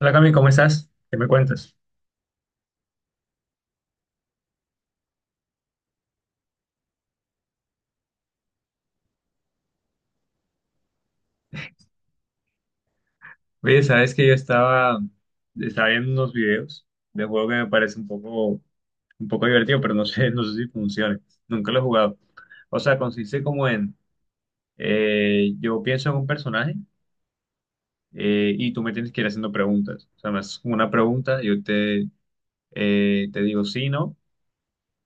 Hola Cami, ¿cómo estás? ¿Qué me cuentas? Oye, sabes que yo estaba viendo unos videos de juego que me parece un poco divertido, pero no sé, no sé si funcione. Nunca lo he jugado. O sea, consiste como en, yo pienso en un personaje y tú me tienes que ir haciendo preguntas. O sea, me haces como una pregunta, yo te digo sí, no,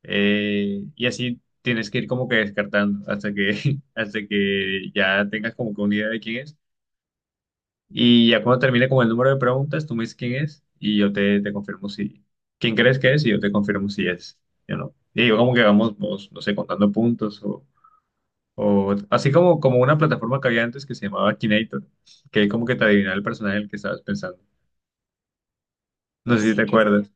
y así tienes que ir como que descartando hasta que, hasta que ya tengas como que una idea de quién es. Y ya cuando termine con el número de preguntas, tú me dices quién es y yo te confirmo si, quién crees que es y yo te confirmo si es, yo no. Y yo como que vamos, no sé, contando puntos o así como una plataforma que había antes que se llamaba Kinator, que como que te adivinaba el personaje del que estabas pensando. No. Ah, sé si te sí, qué acuerdas.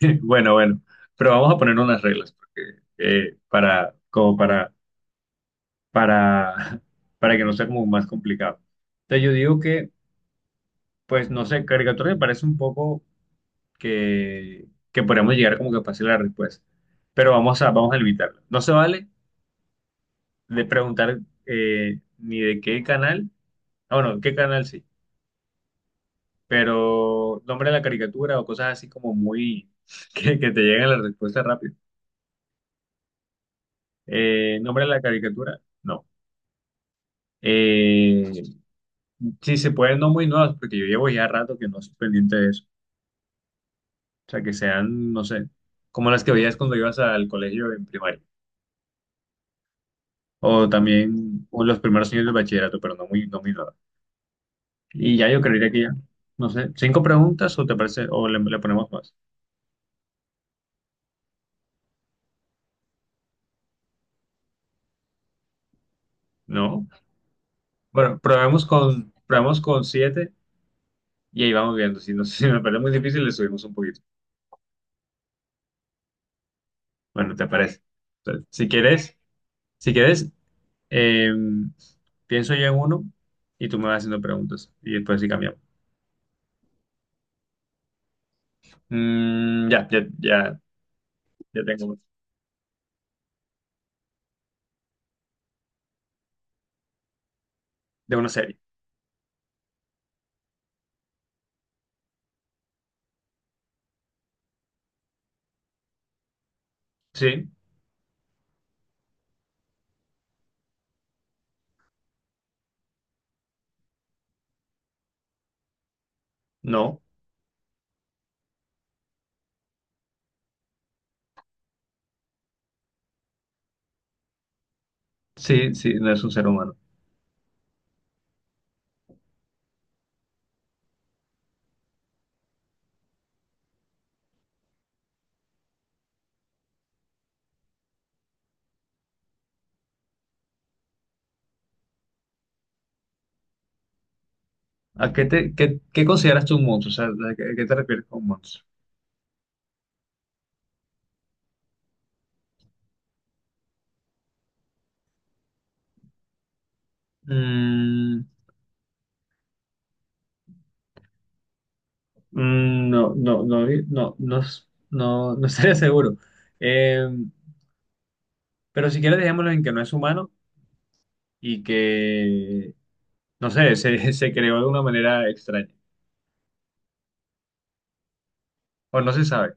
Sí, bueno, bueno, pero vamos a poner unas reglas porque, para, como para, para que no sea como más complicado. Entonces yo digo que, pues no sé, caricatura me parece un poco que podríamos llegar como que fácil a la respuesta. Pero vamos a limitarlo. No se vale de preguntar ni de qué canal, bueno, qué canal sí, pero nombre de la caricatura o cosas así como muy, que te lleguen la respuesta rápido. Nombre de la caricatura, no. Eh, sí, se pueden no muy nuevas, porque yo llevo ya rato que no estoy pendiente de eso. O sea, que sean, no sé, como las que veías cuando ibas al colegio en primaria. O también o los primeros años del bachillerato, pero no muy nada. Y ya yo creería que ya, no sé, cinco preguntas o te parece, o le ponemos más. No, bueno, probemos con siete y ahí vamos viendo. Si, no, si me parece muy difícil, le subimos un poquito. Bueno, ¿te parece? Entonces, si quieres, eh, pienso yo en uno y tú me vas haciendo preguntas y después sí cambiamos. Ya, ya, ya, ya tengo uno. De una serie. Sí, no, sí, sí, no es un ser humano. ¿A qué consideras tú un monstruo? O sea, ¿a qué te refieres con monstruo? Mm, no, no, no, no, no, no, no estaría seguro. Eh, pero si quieres, dejémoslo en que no es humano y que, no sé, se creó de una manera extraña. O no se sabe.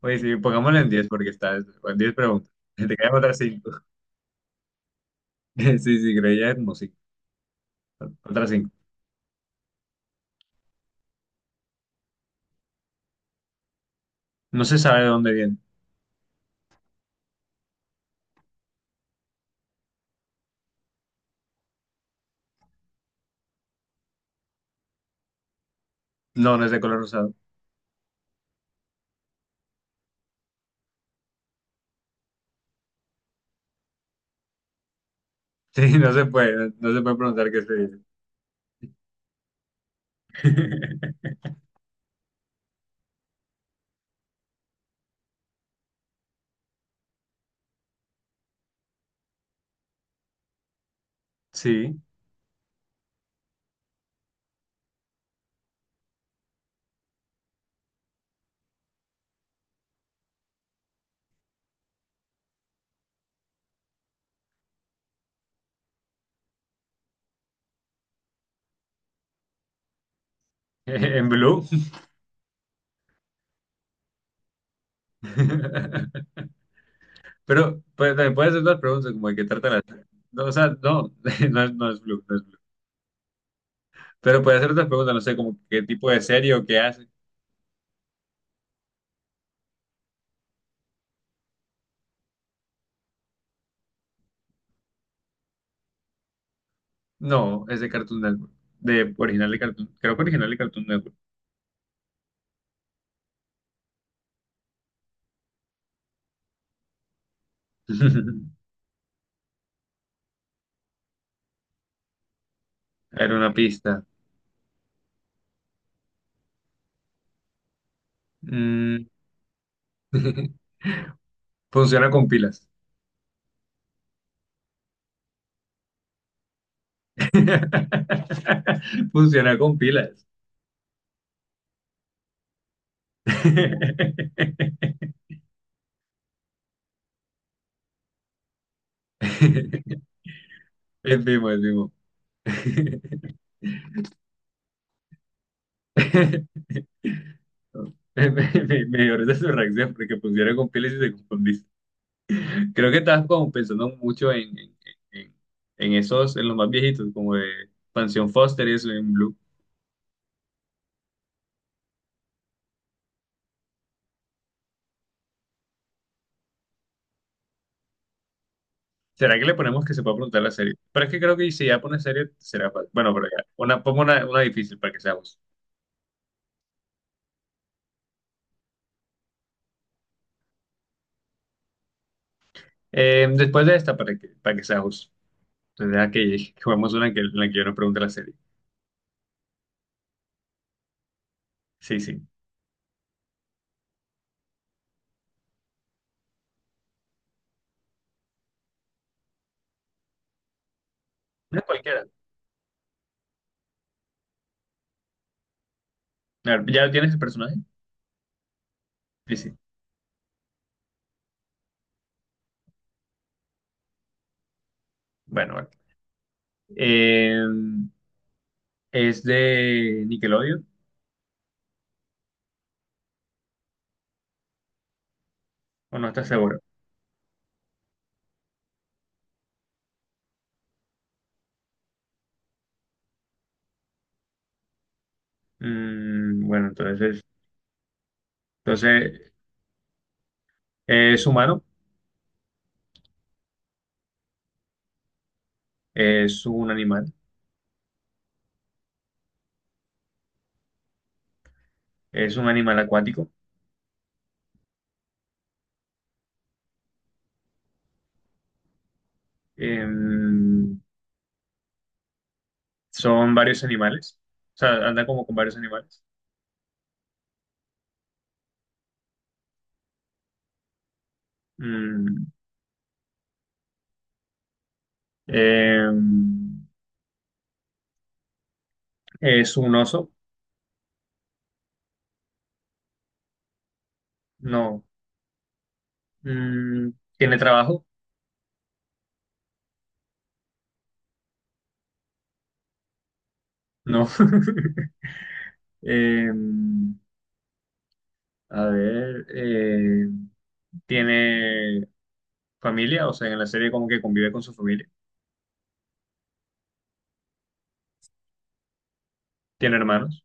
Oye, sí, pongámoslo en 10 porque está en 10 preguntas. Te quedan otras 5. Sí, sí, creo que ya es como 5. Otras 5. No se sabe de dónde viene. No, no es de color rosado. Sí, no se puede preguntar qué se dice. Sí, en blue. Pero pues, también puede hacer otras preguntas como de qué tratan las... No, o sea, no, no es blue. Pero puede hacer otras preguntas, no sé, como qué tipo de serie o qué hace. No, es de Cartoon Network. De original de Cartoon, creo que original de Cartoon Network. Era una pista. Mm, Funciona con pilas. Funciona con pilas. Es vivo, es vivo. Me, me, me dio risa su reacción porque pusieron con pieles y se confundiste. Creo que estabas como pensando mucho en, en esos, en los más viejitos, como de Pansión Foster y eso en Blue. ¿Será que le ponemos que se pueda preguntar la serie? Pero es que creo que si ya pone serie, será fácil. Bueno, pero ya, pongo una difícil para que sea justo. Después de esta, para que sea justo. Entonces, deja que juguemos una en la que yo no pregunte la serie. Sí, sí. Una cualquiera. A ver, ¿ya tienes el personaje? Sí, sí. Bueno, vale. Eh, ¿Es de Nickelodeon o no estás seguro? Bueno, entonces, es humano, es un animal, es un animal acuático. Em, son varios animales, o sea, anda como con varios animales. Mm, em, es un oso, no. Mm, ¿Tiene trabajo? No. Em, a ver, ¿tiene familia? O sea, en la serie como que convive con su familia. Tiene hermanos,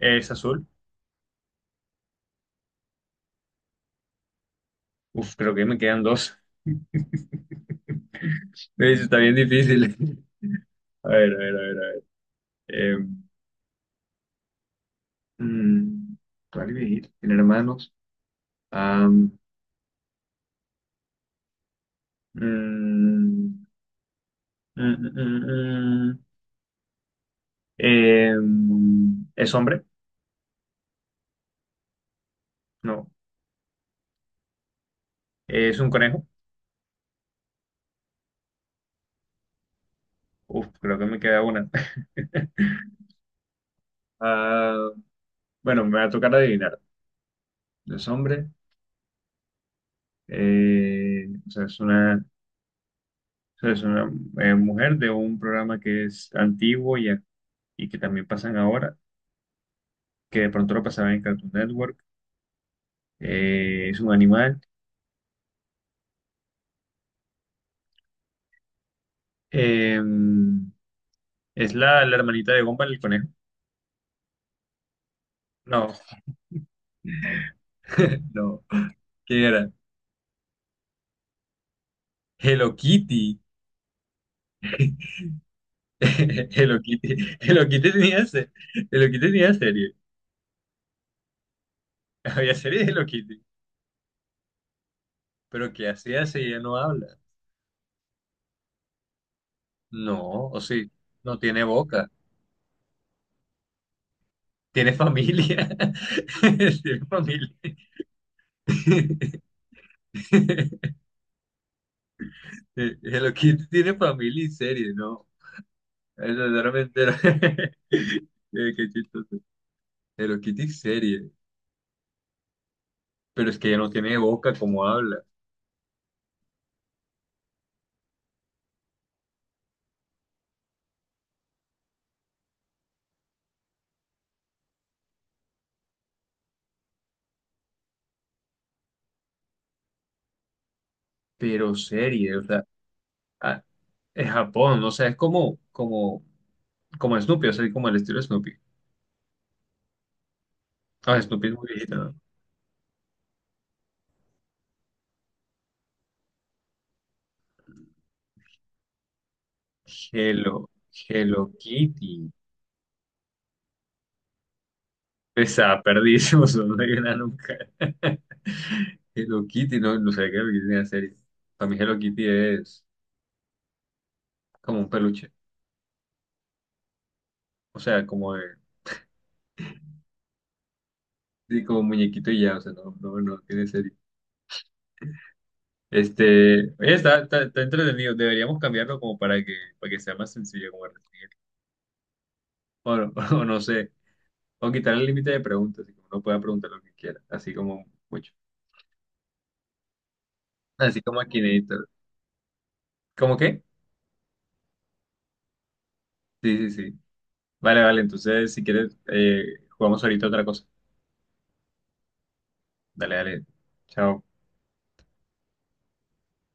es azul. Uf, creo que me quedan dos. Eso está bien difícil. A ver, a ver, a ver, a ver. Eh, mm, ¿cuál iba? Tiene hermanos. Am, mm, mm, mm, mm, mm. em, ¿Es hombre? No. ¿Es un conejo? Uf, creo que me queda una. Ah, bueno, me va a tocar adivinar. Es hombre, o sea, es una, o sea, es una mujer de un programa que es antiguo y que también pasan ahora, que de pronto lo pasaban en Cartoon Network, es un animal. Eh, es la hermanita de Gumball, el conejo. No, no, ¿qué era? Hello Kitty. Hello Kitty. Hello Kitty tenía serie. Había serie de Hello Kitty. Pero ¿qué hacía si ella no habla? No, o sí, no tiene boca. Tiene familia. Tiene familia. Hello Kitty tiene familia y serie, ¿no? Eso solamente era. Qué chistoso. Hello Kitty serie. Pero es que ella no tiene boca como habla. Pero serie, o sea, ah, es Japón, o sea, es como Snoopy, o sea, como el estilo de Snoopy. Ah, Snoopy es muy viejita, ¿no? Hello, Hello Kitty. Esa, perdísimos, no hay una nunca. Hello Kitty, no, no sé qué es la serie. Para mí Hello Kitty es como un peluche, o sea, como de Sí, como muñequito y ya, o sea, no, no, no, tiene serio. Este, oye, está entretenido, deberíamos cambiarlo como para que, sea más sencillo como resumir. O, no o no sé, o quitar el límite de preguntas, y que uno pueda preguntar lo que quiera, así como mucho. Así como aquí Akinator. ¿Cómo qué? Sí, sí, sí. Vale, vale, entonces si quieres, jugamos ahorita otra cosa. Dale, dale. Chao.